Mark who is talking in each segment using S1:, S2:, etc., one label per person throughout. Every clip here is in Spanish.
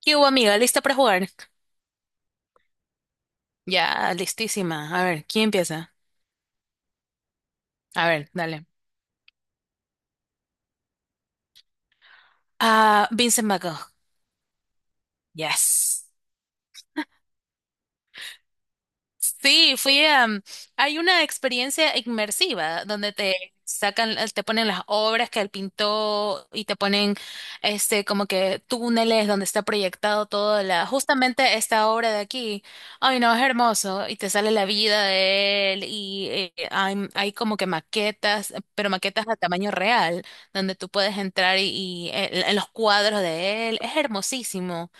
S1: ¿Qué hubo, amiga? ¿Lista para jugar? Ya, listísima. A ver, ¿quién empieza? A ver, dale. Ah, Vincent McGo. Yes. Sí, fui a... hay una experiencia inmersiva donde te sacan, te ponen las obras que él pintó y te ponen este como que túneles donde está proyectado toda la, justamente esta obra de aquí. Ay, no, es hermoso. Y te sale la vida de él y hay, hay como que maquetas, pero maquetas a tamaño real, donde tú puedes entrar y en los cuadros de él. Es hermosísimo.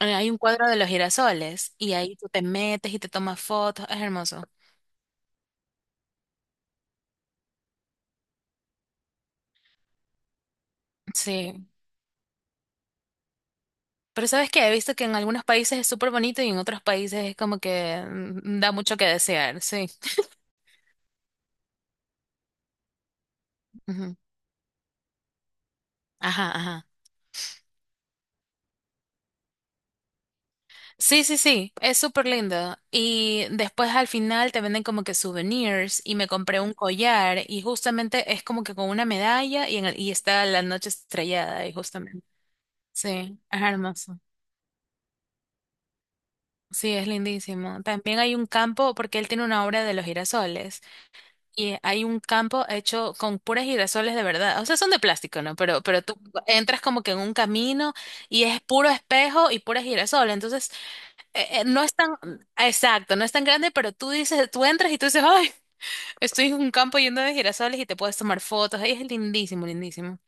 S1: Hay un cuadro de los girasoles y ahí tú te metes y te tomas fotos, es hermoso. Sí, pero sabes que he visto que en algunos países es súper bonito y en otros países es como que da mucho que desear, sí. Ujú. Ajá, ajá. Sí, sí, sí, es súper lindo. Y después al final te venden como que souvenirs y me compré un collar y justamente es como que con una medalla y, y está la noche estrellada y justamente. Sí, es hermoso. Sí, es lindísimo. También hay un campo, porque él tiene una obra de los girasoles, y hay un campo hecho con puras girasoles de verdad. O sea, son de plástico, ¿no? Pero tú entras como que en un camino y es puro espejo y puras girasoles. Entonces, no es tan, exacto, no es tan grande, pero tú dices, tú entras y tú dices, ay, estoy en un campo lleno de girasoles y te puedes tomar fotos. Ay, es lindísimo, lindísimo.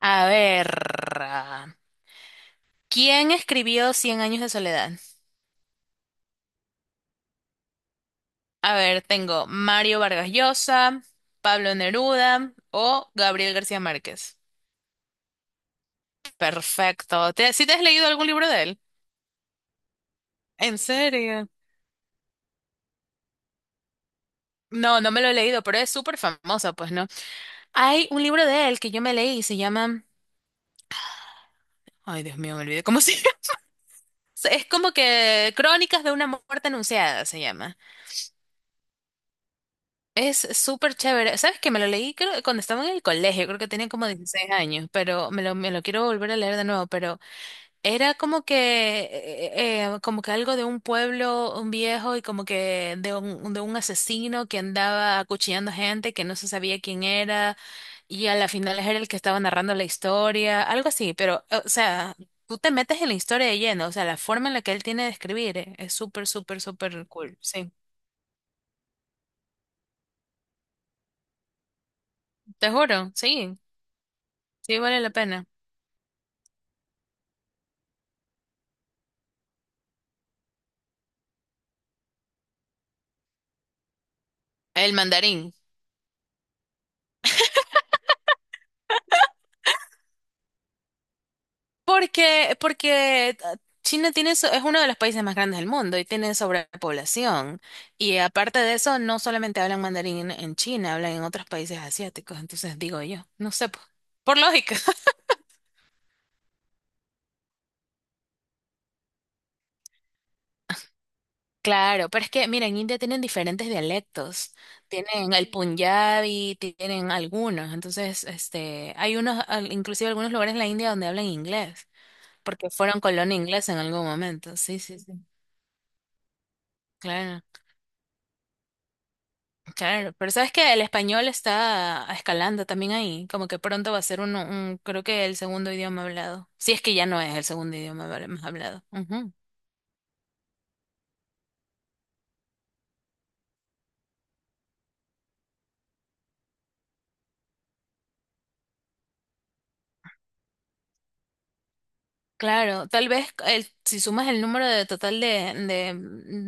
S1: A ver, ¿quién escribió Cien años de soledad? A ver, tengo Mario Vargas Llosa, Pablo Neruda o Gabriel García Márquez. Perfecto. ¿Te, si te has leído algún libro de él? ¿En serio? No, no me lo he leído, pero es súper famosa, pues, ¿no? Hay un libro de él que yo me leí y se llama... Ay, Dios mío, me olvidé cómo se llama. Es como que Crónicas de una muerte anunciada se llama. Es súper chévere. ¿Sabes que me lo leí creo, cuando estaba en el colegio, creo que tenía como 16 años, pero me lo quiero volver a leer de nuevo, pero... Era como que algo de un pueblo, un viejo y como que de un asesino que andaba acuchillando gente que no se sabía quién era y a la final era el que estaba narrando la historia, algo así, pero, o sea, tú te metes en la historia de lleno, o sea, la forma en la que él tiene de escribir es súper, súper, súper cool, sí, te juro, sí, sí vale la pena. El mandarín. Porque China tiene, es uno de los países más grandes del mundo y tiene sobrepoblación. Y aparte de eso, no solamente hablan mandarín en China, hablan en otros países asiáticos. Entonces digo yo, no sé, por lógica. Claro, pero es que, mira, en India tienen diferentes dialectos. Tienen el Punjabi, tienen algunos. Entonces, este, hay unos, inclusive algunos lugares en la India donde hablan inglés, porque fueron colonia inglesa en algún momento. Sí, sí, sí. Claro. Claro, pero sabes que el español está escalando también ahí, como que pronto va a ser uno, un, creo que el segundo idioma hablado, si es que ya no es el segundo idioma más hablado. Ujú. Claro, tal vez el, si sumas el número de total de,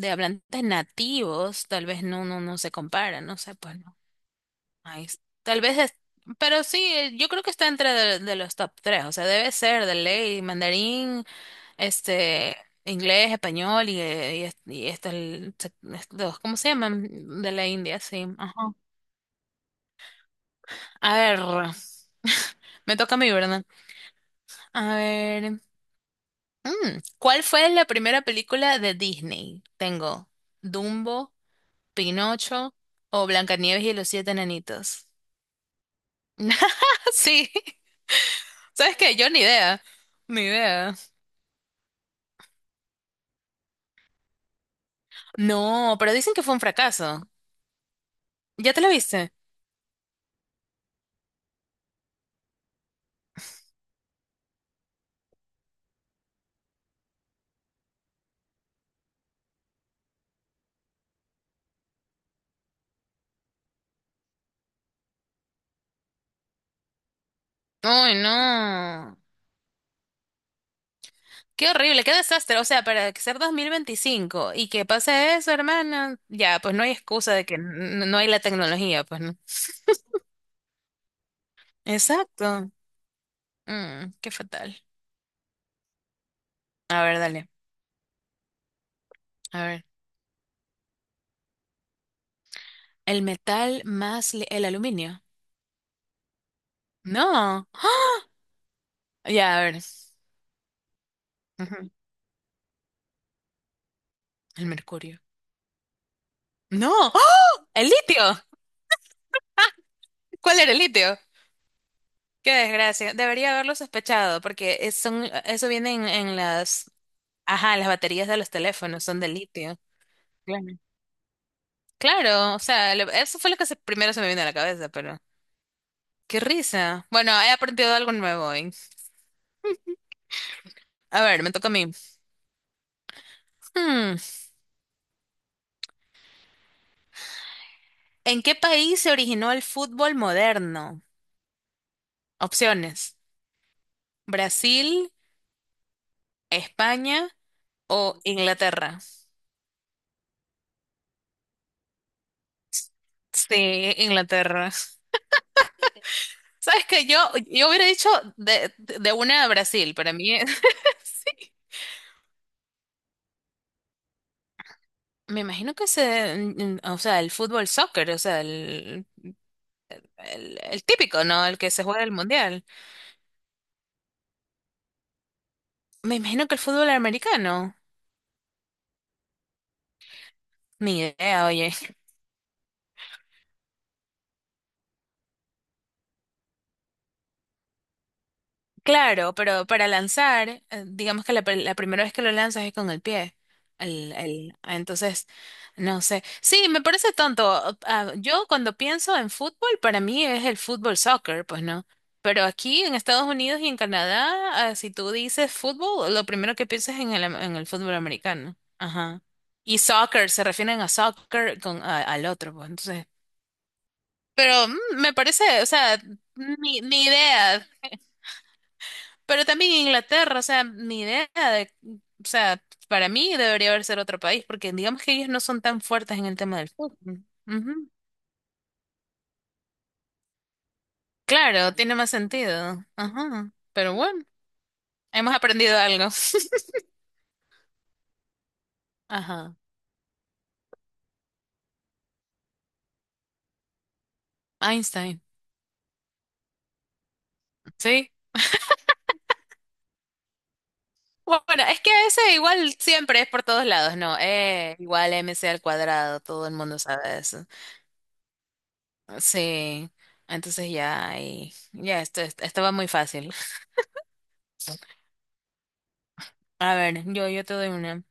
S1: de hablantes nativos, tal vez no, no, no se compara, no sé, pues no. Tal vez es, pero sí, yo creo que está entre de los top tres, o sea, debe ser de ley, mandarín este, inglés, español y, y este, el, estos, ¿cómo se llaman? De la India, sí. Ajá. A ver, me toca a mí, ¿verdad? A ver, ¿cuál fue la primera película de Disney? Tengo Dumbo, Pinocho o Blancanieves y los siete enanitos. Sí, ¿sabes qué? Yo ni idea, ni idea. No, pero dicen que fue un fracaso. ¿Ya te la viste? Ay, no. Qué horrible, qué desastre. O sea, para ser 2025 y que pase eso, hermana, ya, pues no hay excusa de que no hay la tecnología, pues no. Exacto. Mm, qué fatal. A ver, dale. A ver. El metal más li- el aluminio. No. Ya, a ver. Ujú. El mercurio. No. ¡Ah! El litio. ¿Cuál era el litio? Qué desgracia. Debería haberlo sospechado porque son, eso viene en las, ajá, las baterías de los teléfonos, son de litio. Claro. Claro, o sea, eso fue lo que primero se me vino a la cabeza, pero qué risa. Bueno, he aprendido algo nuevo hoy. A ver, me toca a mí. Hmm, ¿en qué país se originó el fútbol moderno? Opciones: Brasil, España o Inglaterra. Sí, Inglaterra. Sabes que yo hubiera dicho de una a Brasil, para mí. sí. Me imagino que se, o sea, el fútbol soccer, o sea, el típico, ¿no? El que se juega el mundial. Me imagino que el fútbol americano. Ni idea, oye. Claro, pero para lanzar, digamos que la, la primera vez que lo lanzas es con el pie. Entonces, no sé. Sí, me parece tonto. Ah, yo cuando pienso en fútbol, para mí es el fútbol soccer, pues no. Pero aquí en Estados Unidos y en Canadá, ah, si tú dices fútbol, lo primero que piensas es en el, en el fútbol americano. Ajá. Y soccer, se refieren a soccer con, al otro, pues. Pero mm, me parece, o sea, ni idea. Pero también Inglaterra, o sea, ni idea de, o sea, para mí debería haber ser otro país, porque digamos que ellos no son tan fuertes en el tema del fútbol. Ujú. Claro, tiene más sentido. Ajá. Pero bueno, hemos aprendido algo. Ajá. Einstein. Sí. Bueno, es que ese igual siempre es por todos lados, ¿no? Igual MC al cuadrado, todo el mundo sabe eso. Sí, entonces ya esto, esto va muy fácil. A ver, yo te doy una.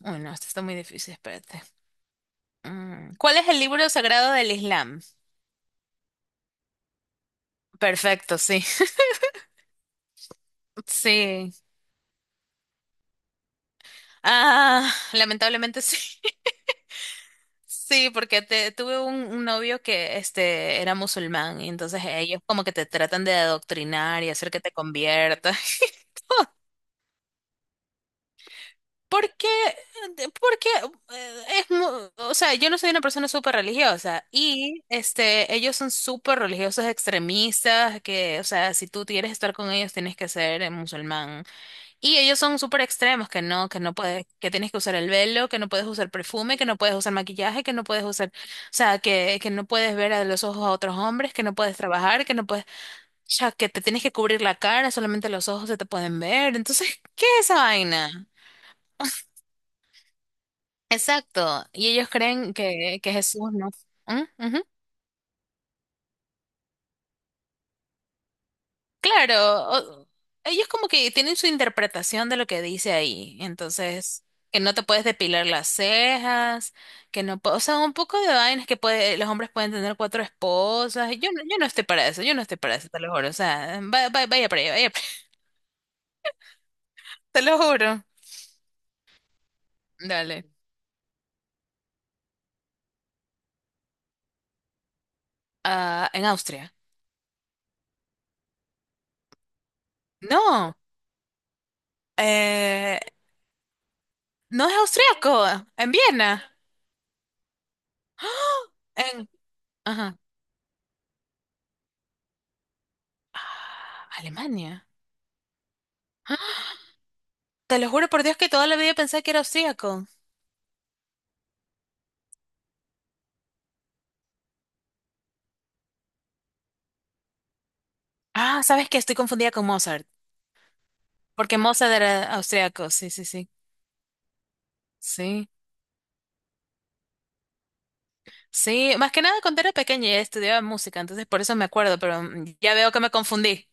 S1: Uy, no, esto está muy difícil, espérate. Mm, ¿cuál es el libro sagrado del Islam? Perfecto, sí. Sí. Ah, lamentablemente sí. Sí, porque te, tuve un novio que este era musulmán y entonces ellos como que te tratan de adoctrinar y hacer que te conviertas. Porque, porque es, o sea, yo no soy una persona súper religiosa y este, ellos son súper religiosos extremistas, que, o sea, si tú quieres estar con ellos tienes que ser musulmán. Y ellos son súper extremos, que no puedes, que tienes que usar el velo, que no puedes usar perfume, que no puedes usar maquillaje, que no puedes usar, o sea, que no puedes ver a los ojos a otros hombres, que no puedes trabajar, que no puedes, o sea, que te tienes que cubrir la cara, solamente los ojos se te pueden ver. Entonces, ¿qué es esa vaina? Exacto, y ellos creen que Jesús no. ¿Mm? Ujú. Claro, o- ellos como que tienen su interpretación de lo que dice ahí, entonces, que no te puedes depilar las cejas, que no, o sea, un poco de vainas que puede, los hombres pueden tener cuatro esposas, yo no estoy para eso, yo no estoy para eso, te lo juro, o sea, vaya para allá, te lo juro. Dale. Ah, en Austria. No, eh, no es austriaco, en Viena. ¡Ah! En, ajá. Ah, Alemania. Ah, te lo juro por Dios que toda la vida pensé que era austríaco. Ah, ¿sabes qué? Estoy confundida con Mozart, porque Mozart era austríaco, sí, sí, sí. Sí, sí, más que nada cuando era pequeña y estudiaba música, entonces por eso me acuerdo, pero ya veo que me confundí.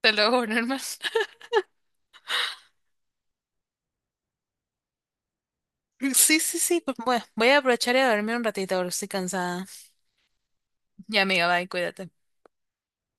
S1: Te lo juro, hermano. Sí, sí, sí, pues bueno, voy a aprovechar y a dormir un ratito, ahora estoy cansada. Ya, amiga, bye, cuídate.